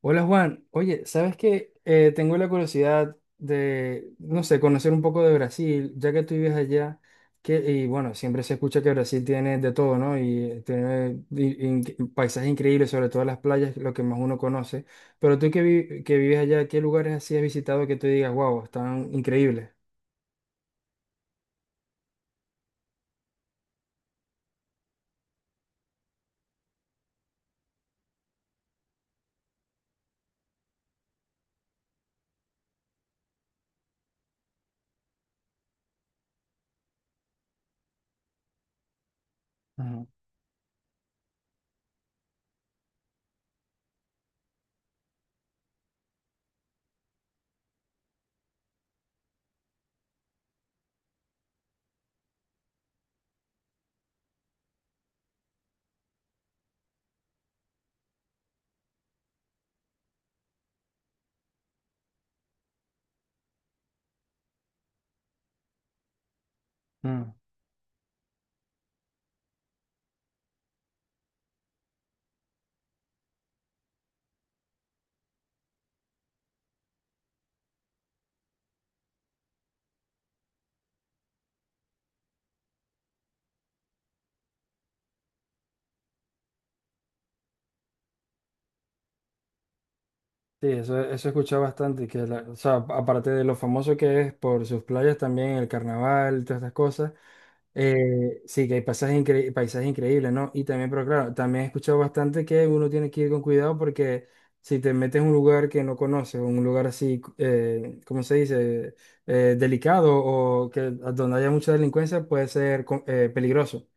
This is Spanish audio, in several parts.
Hola Juan, oye, ¿sabes qué? Tengo la curiosidad de, no sé, conocer un poco de Brasil, ya que tú vives allá, que, y bueno, siempre se escucha que Brasil tiene de todo, ¿no? Y tiene paisajes increíbles, sobre todo las playas, lo que más uno conoce. Pero tú que, que vives allá, ¿qué lugares así has visitado que tú digas, wow, están increíbles? Ujú, ujú. Sí, eso he escuchado bastante, o sea, aparte de lo famoso que es por sus playas también, el carnaval, todas estas cosas, sí, que hay pasajes, paisajes increíbles, ¿no? Y también, pero claro, también he escuchado bastante que uno tiene que ir con cuidado porque si te metes en un lugar que no conoces, un lugar así, ¿cómo se dice? Delicado o que donde haya mucha delincuencia puede ser peligroso.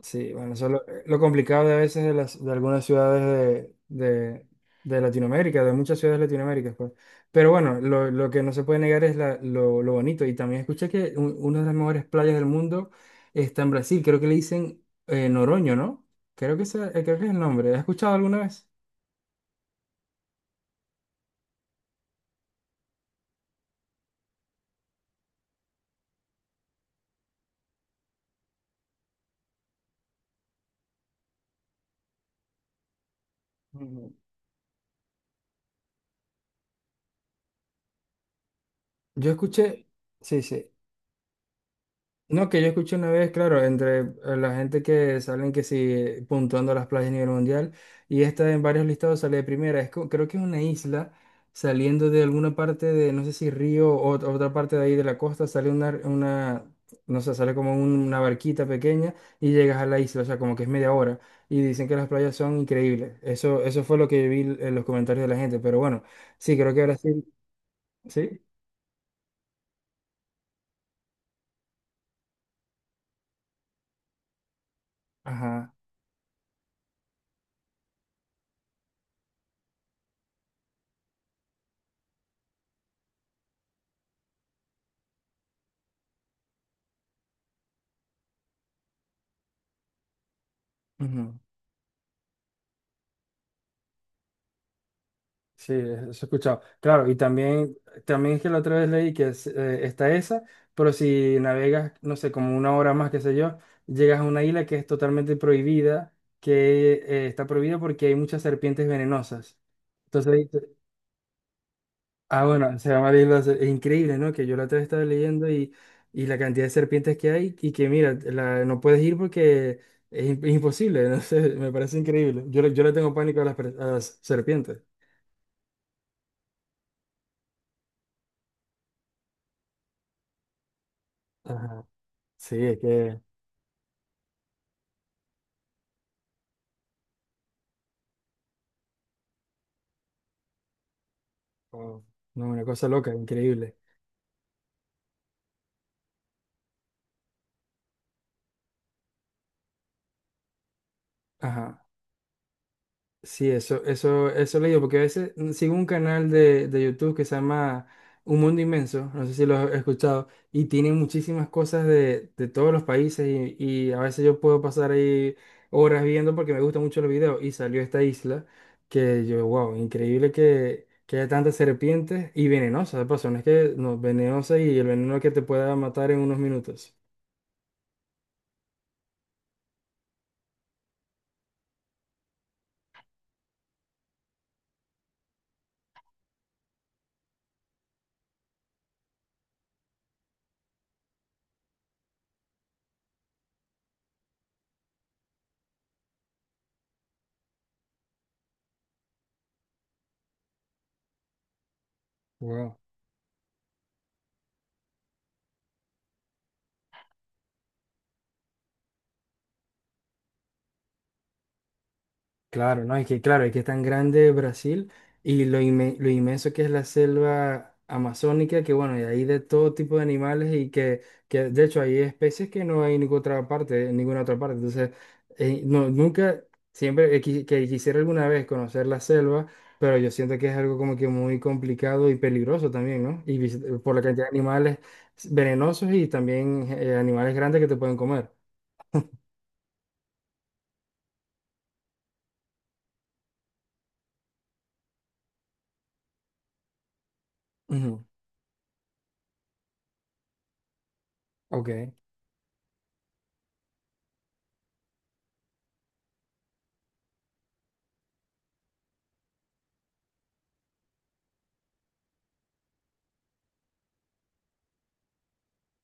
Sí, bueno, eso es lo complicado de a veces de, las, de algunas ciudades de de Latinoamérica, de muchas ciudades latinoaméricas, pues. Pero bueno, lo que no se puede negar es lo bonito. Y también escuché que una de las mejores playas del mundo está en Brasil. Creo que le dicen Noroño, ¿no? Creo que, creo que es el nombre. ¿Has escuchado alguna vez? Ujú. Yo escuché, sí, sí. No, que yo escuché una vez, claro, entre la gente que salen que sí puntuando las playas a nivel mundial y esta en varios listados sale de primera. Es, creo que es una isla saliendo de alguna parte de, no sé si río o otra parte de ahí de la costa, sale una no sé, sale como una barquita pequeña y llegas a la isla, o sea, como que es media hora y dicen que las playas son increíbles. Eso fue lo que vi en los comentarios de la gente, pero bueno, sí, creo que Brasil, sí, ¿sí? Ajá. Ujú. Sí, eso he escuchado. Claro, y también, también es que la otra vez leí que es, está esa, pero si navegas, no sé, como una hora más, qué sé yo, llegas a una isla que es totalmente prohibida, que está prohibida porque hay muchas serpientes venenosas. Entonces, ah, bueno, se llama la isla, es increíble, ¿no? Que yo la otra vez estaba leyendo y la cantidad de serpientes que hay y que, mira, no puedes ir porque es, es imposible, no sé, me parece increíble. Yo, yo le tengo pánico a las, a las serpientes. Ajá. Sí, es que... Wow. No, una cosa loca, increíble. Ajá. Sí, eso he leído, porque a veces sigo un canal de YouTube que se llama Un Mundo Inmenso, no sé si lo has escuchado, y tiene muchísimas cosas de todos los países y a veces yo puedo pasar ahí horas viendo porque me gustan mucho los videos y salió esta isla que yo, wow, increíble que haya tantas serpientes y venenosas, de paso, no es que no, venenosa y el veneno que te pueda matar en unos minutos. Wow. Claro, no, es que claro, es que es tan grande Brasil y lo, lo inmenso que es la selva amazónica, que bueno, y hay de todo tipo de animales y que de hecho hay especies que no hay en ninguna otra parte, en ninguna otra parte. Entonces, no, nunca, siempre he que quisiera alguna vez conocer la selva, pero yo siento que es algo como que muy complicado y peligroso también, ¿no? Y por la cantidad de animales venenosos y también animales grandes que te pueden comer. Ujú, ok,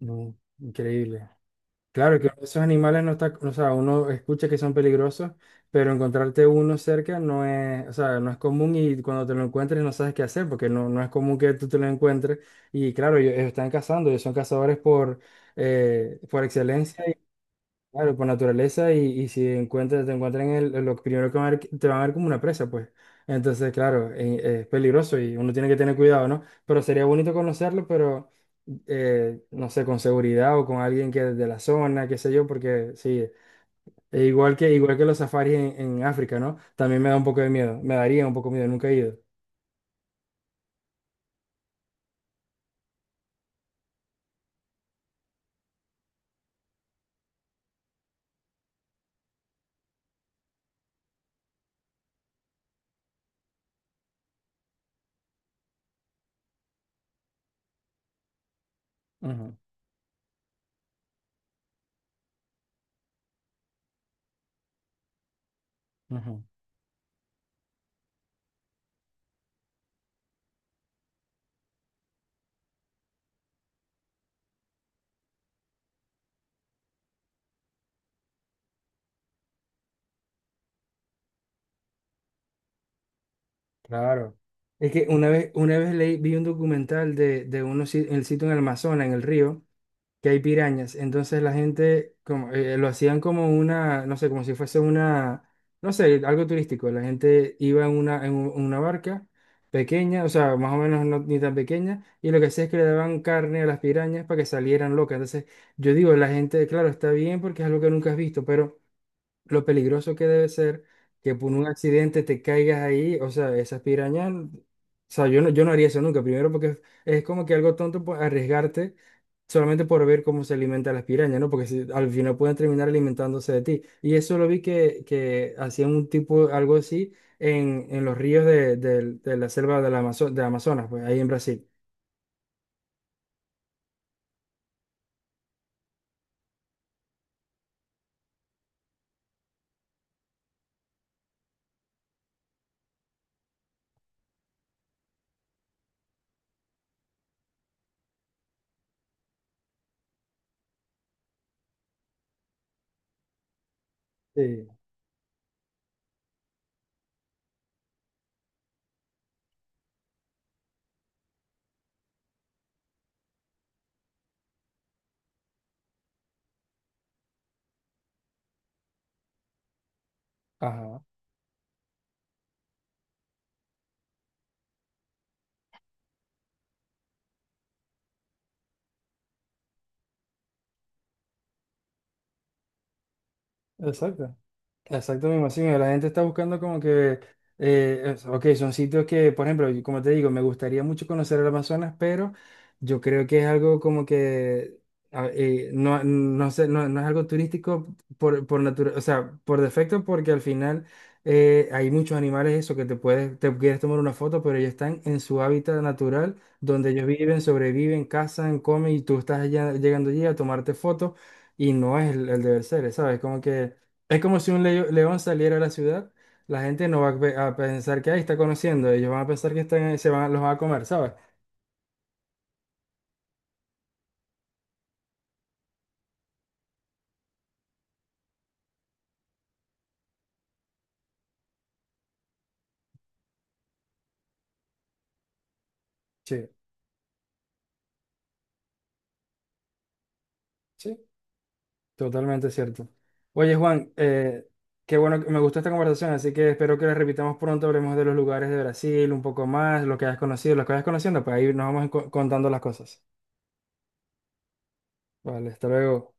no, increíble. Claro que esos animales no está, o sea, uno escucha que son peligrosos, pero encontrarte uno cerca no es, o sea, no es común y cuando te lo encuentres no sabes qué hacer porque no, no es común que tú te lo encuentres. Y claro, ellos están cazando, ellos son cazadores por excelencia. Claro, por naturaleza y si encuentras, te encuentran en el, en lo primero que van a ver, te van a ver como una presa, pues. Entonces, claro, es peligroso y uno tiene que tener cuidado, ¿no? Pero sería bonito conocerlo, pero no sé, con seguridad o con alguien que de la zona, qué sé yo, porque sí, e igual que los safaris en África, ¿no? También me da un poco de miedo, me daría un poco de miedo, nunca he ido. Ujú, ujú, claro. Es que una vez leí, vi un documental de unos, el sitio en el Amazonas, en el río que hay pirañas. Entonces la gente como, lo hacían como una, no sé, como si fuese una, no sé, algo turístico. La gente iba en una, en una barca pequeña, o sea, más o menos no, ni tan pequeña, y lo que hacía es que le daban carne a las pirañas para que salieran locas. Entonces yo digo, la gente, claro, está bien porque es algo que nunca has visto, pero lo peligroso que debe ser que por un accidente te caigas ahí, o sea, esas pirañas, o sea, yo no, yo no haría eso nunca, primero porque es como que algo tonto pues, arriesgarte solamente por ver cómo se alimentan las pirañas, ¿no? Porque al final pueden terminar alimentándose de ti. Y eso lo vi que hacían un tipo, algo así, en los ríos de, de la selva de la de Amazonas, pues ahí en Brasil. Sí, ajá, exacto. Exacto, me imagino. La gente está buscando como que, ok, son sitios que, por ejemplo, y como te digo, me gustaría mucho conocer el Amazonas, pero yo creo que es algo como que, no, no sé, no, no es algo turístico por o sea, por defecto, porque al final hay muchos animales, eso, que te puedes, te quieres tomar una foto, pero ellos están en su hábitat natural, donde ellos viven, sobreviven, cazan, comen, y tú llegando allí a tomarte fotos, y no es el deber ser, ¿sabes? Como que... Es como si un león saliera a la ciudad, la gente no va a, a pensar que ahí está conociendo, ellos van a pensar que están, ahí, se van, los van a comer, ¿sabes? Sí, sí, totalmente cierto. Oye, Juan, qué bueno, me gustó esta conversación, así que espero que la repitamos pronto, hablemos de los lugares de Brasil un poco más, lo que hayas conocido, lo que hayas conociendo, pues ahí nos vamos contando las cosas. Vale, hasta luego.